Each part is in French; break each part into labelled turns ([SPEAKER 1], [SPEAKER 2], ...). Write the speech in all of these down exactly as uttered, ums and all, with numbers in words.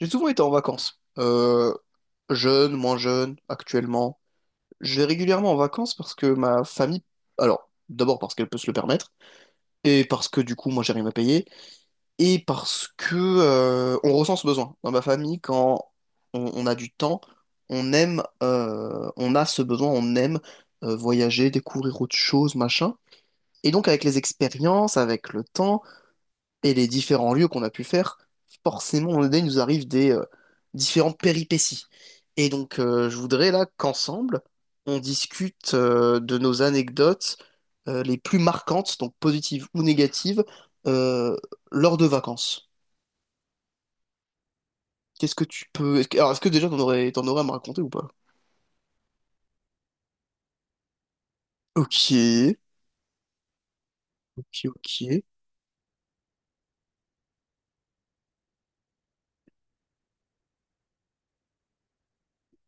[SPEAKER 1] J'ai souvent été en vacances. Euh, jeune, moins jeune, actuellement. Je vais régulièrement en vacances parce que ma famille... Alors, d'abord parce qu'elle peut se le permettre, et parce que du coup, moi, j'ai rien à payer, et parce que euh, on ressent ce besoin. Dans ma famille, quand on, on a du temps, on aime... euh, on a ce besoin, on aime euh, voyager, découvrir autre chose, machin. Et donc, avec les expériences, avec le temps et les différents lieux qu'on a pu faire, forcément, on il nous arrive des euh, différentes péripéties. Et donc, euh, je voudrais là qu'ensemble, on discute euh, de nos anecdotes euh, les plus marquantes, donc positives ou négatives, euh, lors de vacances. Qu'est-ce que tu peux... Est-ce que, alors, est-ce que déjà, t'en aurais, t'en aurais à me raconter ou pas? Ok, ok, ok.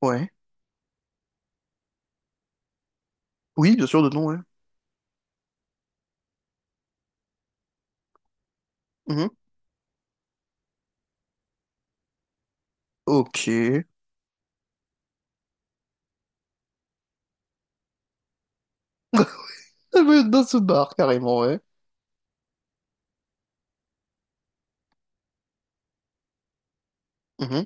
[SPEAKER 1] Ouais. Oui, bien sûr, de nom, ouais. Mhm. Ok. Ah ouais, dans ce bar, carrément, ouais. Mhm.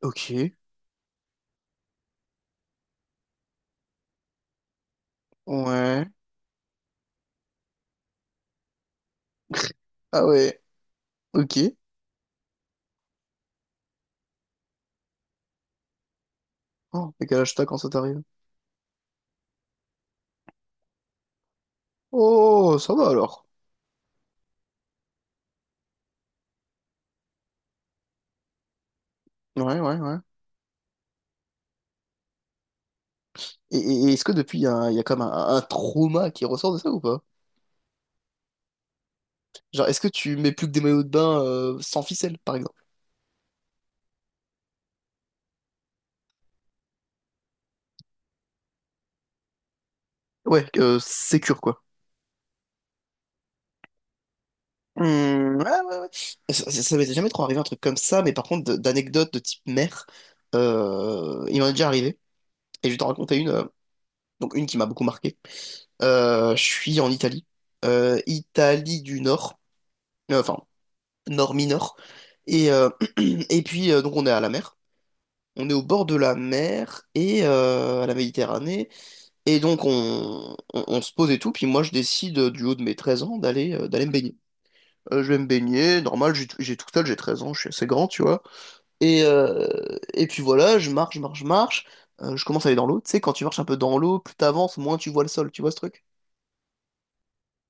[SPEAKER 1] Ok. Ouais. Ah ouais. Ok. Oh, t'as quel âge t'as quand ça t'arrive? Oh, ça va alors. Ouais, ouais, ouais. Et, et- et est-ce que depuis, il y a, un- il y a comme un, un trauma qui ressort de ça ou pas? Genre, est-ce que tu mets plus que des maillots de bain euh, sans ficelle, par exemple? Ouais, euh, sécure, quoi. Hmm, ouais, ouais, ouais. Ça, ça- ça m'était jamais trop arrivé un truc comme ça, mais par contre, de- d'anecdotes de type mère, euh, il m'en est déjà arrivé. Et je vais t'en raconter une, euh, donc une qui m'a beaucoup marqué. Euh, je suis en Italie. Euh, Italie du Nord. Euh, enfin, nord mineur. Et, euh, et puis, euh, donc, on est à la mer. On est au bord de la mer et euh, à la Méditerranée. Et donc, on, on- on se pose et tout. Puis moi, je décide, euh, du haut de mes treize ans, d'aller euh, d'aller me baigner. Euh, je vais me baigner, normal, j'ai tout j'ai tout seul, j'ai treize ans, je suis assez grand, tu vois. Et, euh, et puis voilà, je marche, je marche, je marche. Euh, je commence à aller dans l'eau. Tu sais, quand tu marches un peu dans l'eau, plus t'avances, moins tu vois le sol, tu vois ce truc?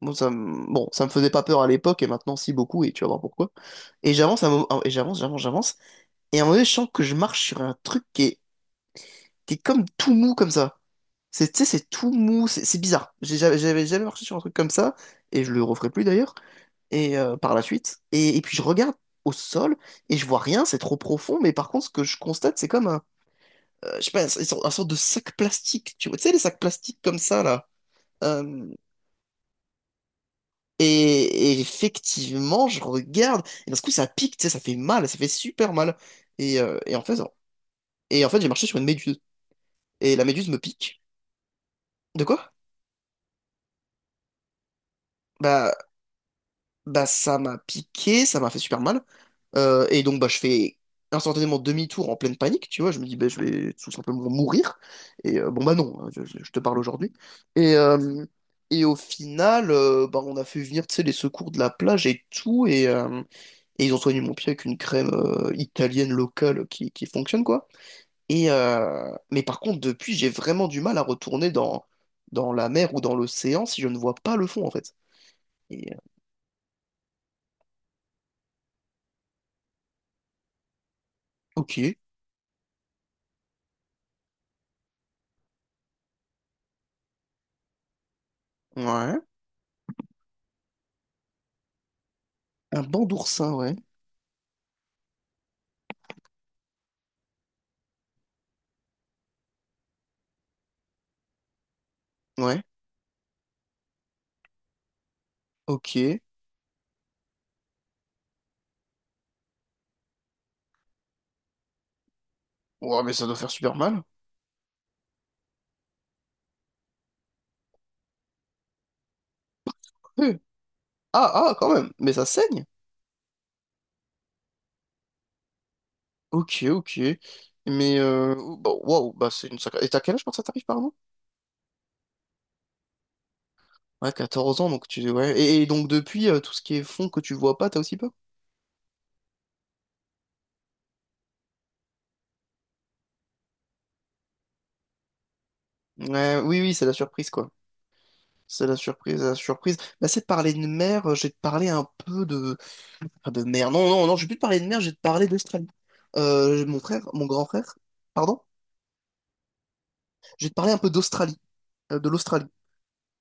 [SPEAKER 1] Bon, ça, me- bon, ça me faisait pas peur à l'époque, et maintenant, si beaucoup, et tu vas voir pourquoi. Et j'avance, à un moment- et j'avance, j'avance, j'avance. Et à un moment donné, je sens que je marche sur un truc qui est, qui est comme tout mou comme ça. C'est, tu sais, c'est tout mou, c'est c'est bizarre. J'ai jamais- J'avais jamais marché sur un truc comme ça, et je le referai plus d'ailleurs, et euh, par la suite. Et, et puis je regarde au sol, et je vois rien, c'est trop profond, mais par contre, ce que je constate, c'est comme un, euh, je sais pas, un, sort- un sorte de sac plastique, tu vois, tu sais, les sacs plastiques comme ça, là. Euh, et, et effectivement, je regarde, et d'un coup, ça pique, tu sais, ça fait mal, ça fait super mal. Et, euh, et en fait, et en fait, j'ai marché sur une méduse, et la méduse me pique. De quoi? Bah, bah ça m'a piqué, ça m'a fait super mal. Euh, et donc bah je fais instantanément demi-tour en pleine panique, tu vois. Je me dis bah je vais tout simplement mourir. Et euh, bon bah non, hein, je, je- je te parle aujourd'hui. Et, euh, et au final, euh, bah on a fait venir tu sais les secours de la plage et tout, et, euh, et ils ont soigné mon pied avec une crème euh, italienne locale qui, qui fonctionne quoi. Et euh, mais par contre depuis j'ai vraiment du mal à retourner dans dans la mer ou dans l'océan si je ne vois pas le fond en fait. Et, euh, ok. Ouais. Un banc d'oursin, ouais. Ouais. Ok. Ouah, mais ça doit faire super mal. Ouais. Ah, ah, quand même. Mais ça saigne. Ok, ok. Mais, euh, bah, waouh, bah, c'est une sacrée... Et t'as quel âge quand ça t'arrive, pardon? Ouais, quatorze ans, donc tu... Ouais. Et, et donc, depuis, euh, tout ce qui est fond que tu vois pas, t'as aussi peur? Ouais, oui, oui, c'est la surprise, quoi. C'est la surprise, la surprise. Bah, c'est de parler de mer, euh, j'ai de parler un peu de... Enfin, de mer. Non, non, non, je vais plus te parler de mer, j'ai de parler d'Australie. Euh, mon frère, mon grand frère, pardon? Je vais te parler un peu d'Australie, euh, de l'Australie.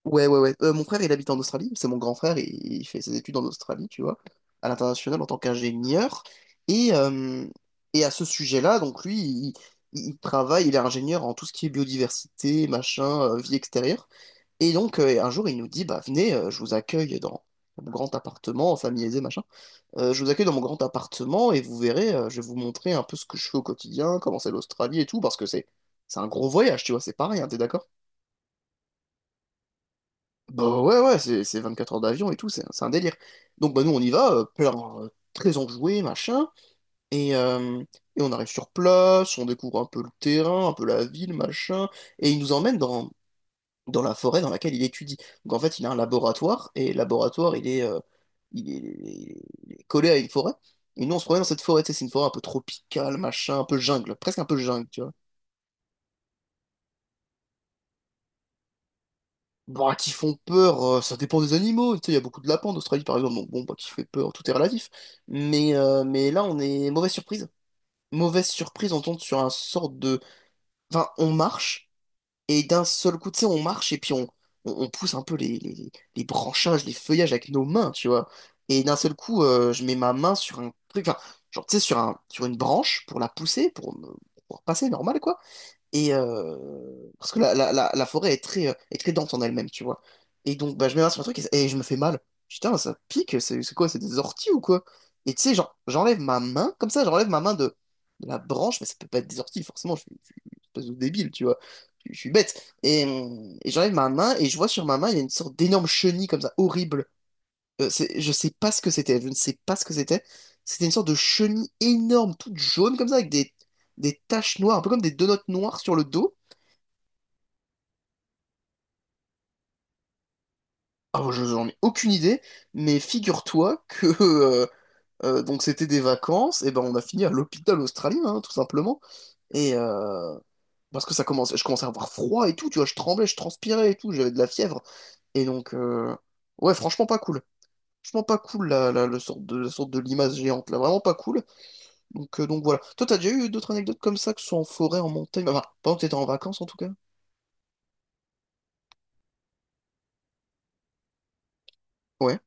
[SPEAKER 1] Ouais, ouais, ouais. Euh, mon frère, il habite en Australie. C'est mon grand frère. Il, il fait ses études en Australie, tu vois, à l'international en tant qu'ingénieur. Et, euh, et à ce sujet-là, donc lui, il, il travaille, il est ingénieur en tout ce qui est biodiversité, machin, euh, vie extérieure. Et donc, euh, un jour, il nous dit, bah, venez, euh, je vous accueille dans mon grand appartement, en famille aisée, machin. Euh, je vous accueille dans mon grand appartement et vous verrez, euh, je vais vous montrer un peu ce que je fais au quotidien, comment c'est l'Australie et tout, parce que c'est c'est un gros voyage, tu vois, c'est pas rien, t'es d'accord? Bah ouais, ouais, c'est c'est vingt-quatre heures d'avion et tout, c'est c'est un délire. Donc bah nous on y va, euh, plein, euh, très enjoué, machin, et, euh, et on arrive sur place, on découvre un peu le terrain, un peu la ville, machin, et il nous emmène dans, dans la forêt dans laquelle il étudie. Donc en fait il a un laboratoire, et laboratoire il est, euh, il est, il est- il est collé à une forêt, et nous on se promène dans cette forêt, tu sais, c'est une forêt un peu tropicale, machin, un peu jungle, presque un peu jungle, tu vois. Bah, qui font peur, euh, ça dépend des animaux. Tu sais, il y a beaucoup de lapins en Australie, par exemple. Donc, bon, bah, qui fait peur, tout est relatif. Mais, euh, mais là, on est mauvaise surprise. Mauvaise surprise, on tombe sur un sort de. Enfin, on marche, et d'un seul coup, tu sais, on marche, et puis on, on, on pousse un peu les, les, les branchages, les feuillages avec nos mains, tu vois. Et d'un seul coup, euh, je mets ma main sur un truc, enfin, genre, tu sais, sur un, sur une branche pour la pousser, pour, me- pour passer normal, quoi. Et euh, parce que la, la, la, la forêt est très, euh, est très dense en elle-même, tu vois. Et donc, bah, je m'énerve sur un truc et, et je me fais mal. Putain, ça pique, c'est c'est quoi? C'est des orties ou quoi? Et tu sais, genre, j'enlève ma main, comme ça, j'enlève ma main de, de la branche, mais ça peut pas être des orties, forcément, je suis, je suis une espèce de débile, tu vois. Je, je suis bête. Et, euh, et j'enlève ma main et je vois sur ma main, il y a une sorte d'énorme chenille comme ça, horrible. Euh, c'est- je sais pas ce que c'était, je ne sais pas ce que c'était. C'était une sorte de chenille énorme, toute jaune comme ça, avec des, des taches noires, un peu comme des donuts noires sur le dos. Ah, je j'en ai aucune idée, mais figure-toi que euh, euh, donc c'était des vacances, et ben on a fini à l'hôpital australien, hein, tout simplement. Et euh, parce que ça commence, je commençais à avoir froid et tout, tu vois, je tremblais, je transpirais et tout, j'avais de la fièvre. Et donc euh, ouais, franchement pas cool. Franchement pas cool la, la, la sorte de, la sorte de limace géante, là, vraiment pas cool. Donc, euh, donc voilà. Toi, t'as déjà eu d'autres anecdotes comme ça, que ce soit en forêt, en montagne, enfin, pendant que t'étais en vacances en tout cas? Ouais,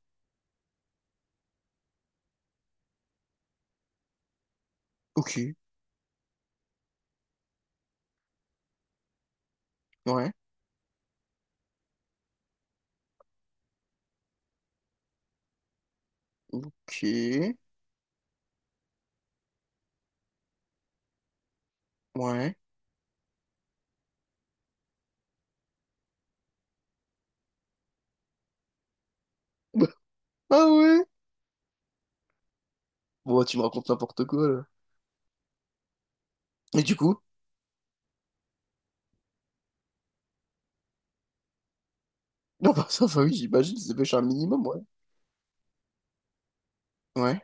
[SPEAKER 1] ok, ouais, ok, ouais. Bah, ah ouais? Bon, bah, tu me racontes n'importe quoi là. Et du coup? Non, bah ça, enfin oui, j'imagine, c'est pêché un minimum, ouais. Ouais.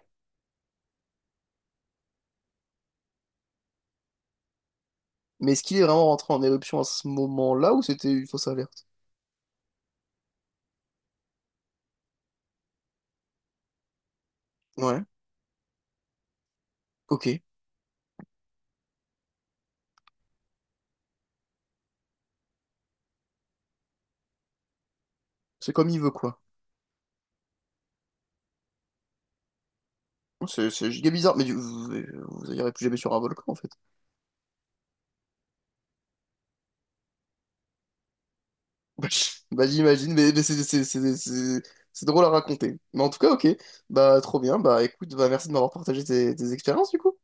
[SPEAKER 1] Mais est-ce qu'il est vraiment rentré en éruption à ce moment-là ou c'était une fausse alerte? Ouais, ok. C'est comme il veut quoi. C'est c'est giga bizarre, mais du- vous, vous irez plus jamais sur un volcan en fait. Bah bah, j'imagine, mais, mais c'est c'est- c'est- c'est- c'est drôle à raconter. Mais en tout cas, ok, bah trop bien, bah écoute, bah merci de m'avoir partagé tes, tes expériences du coup.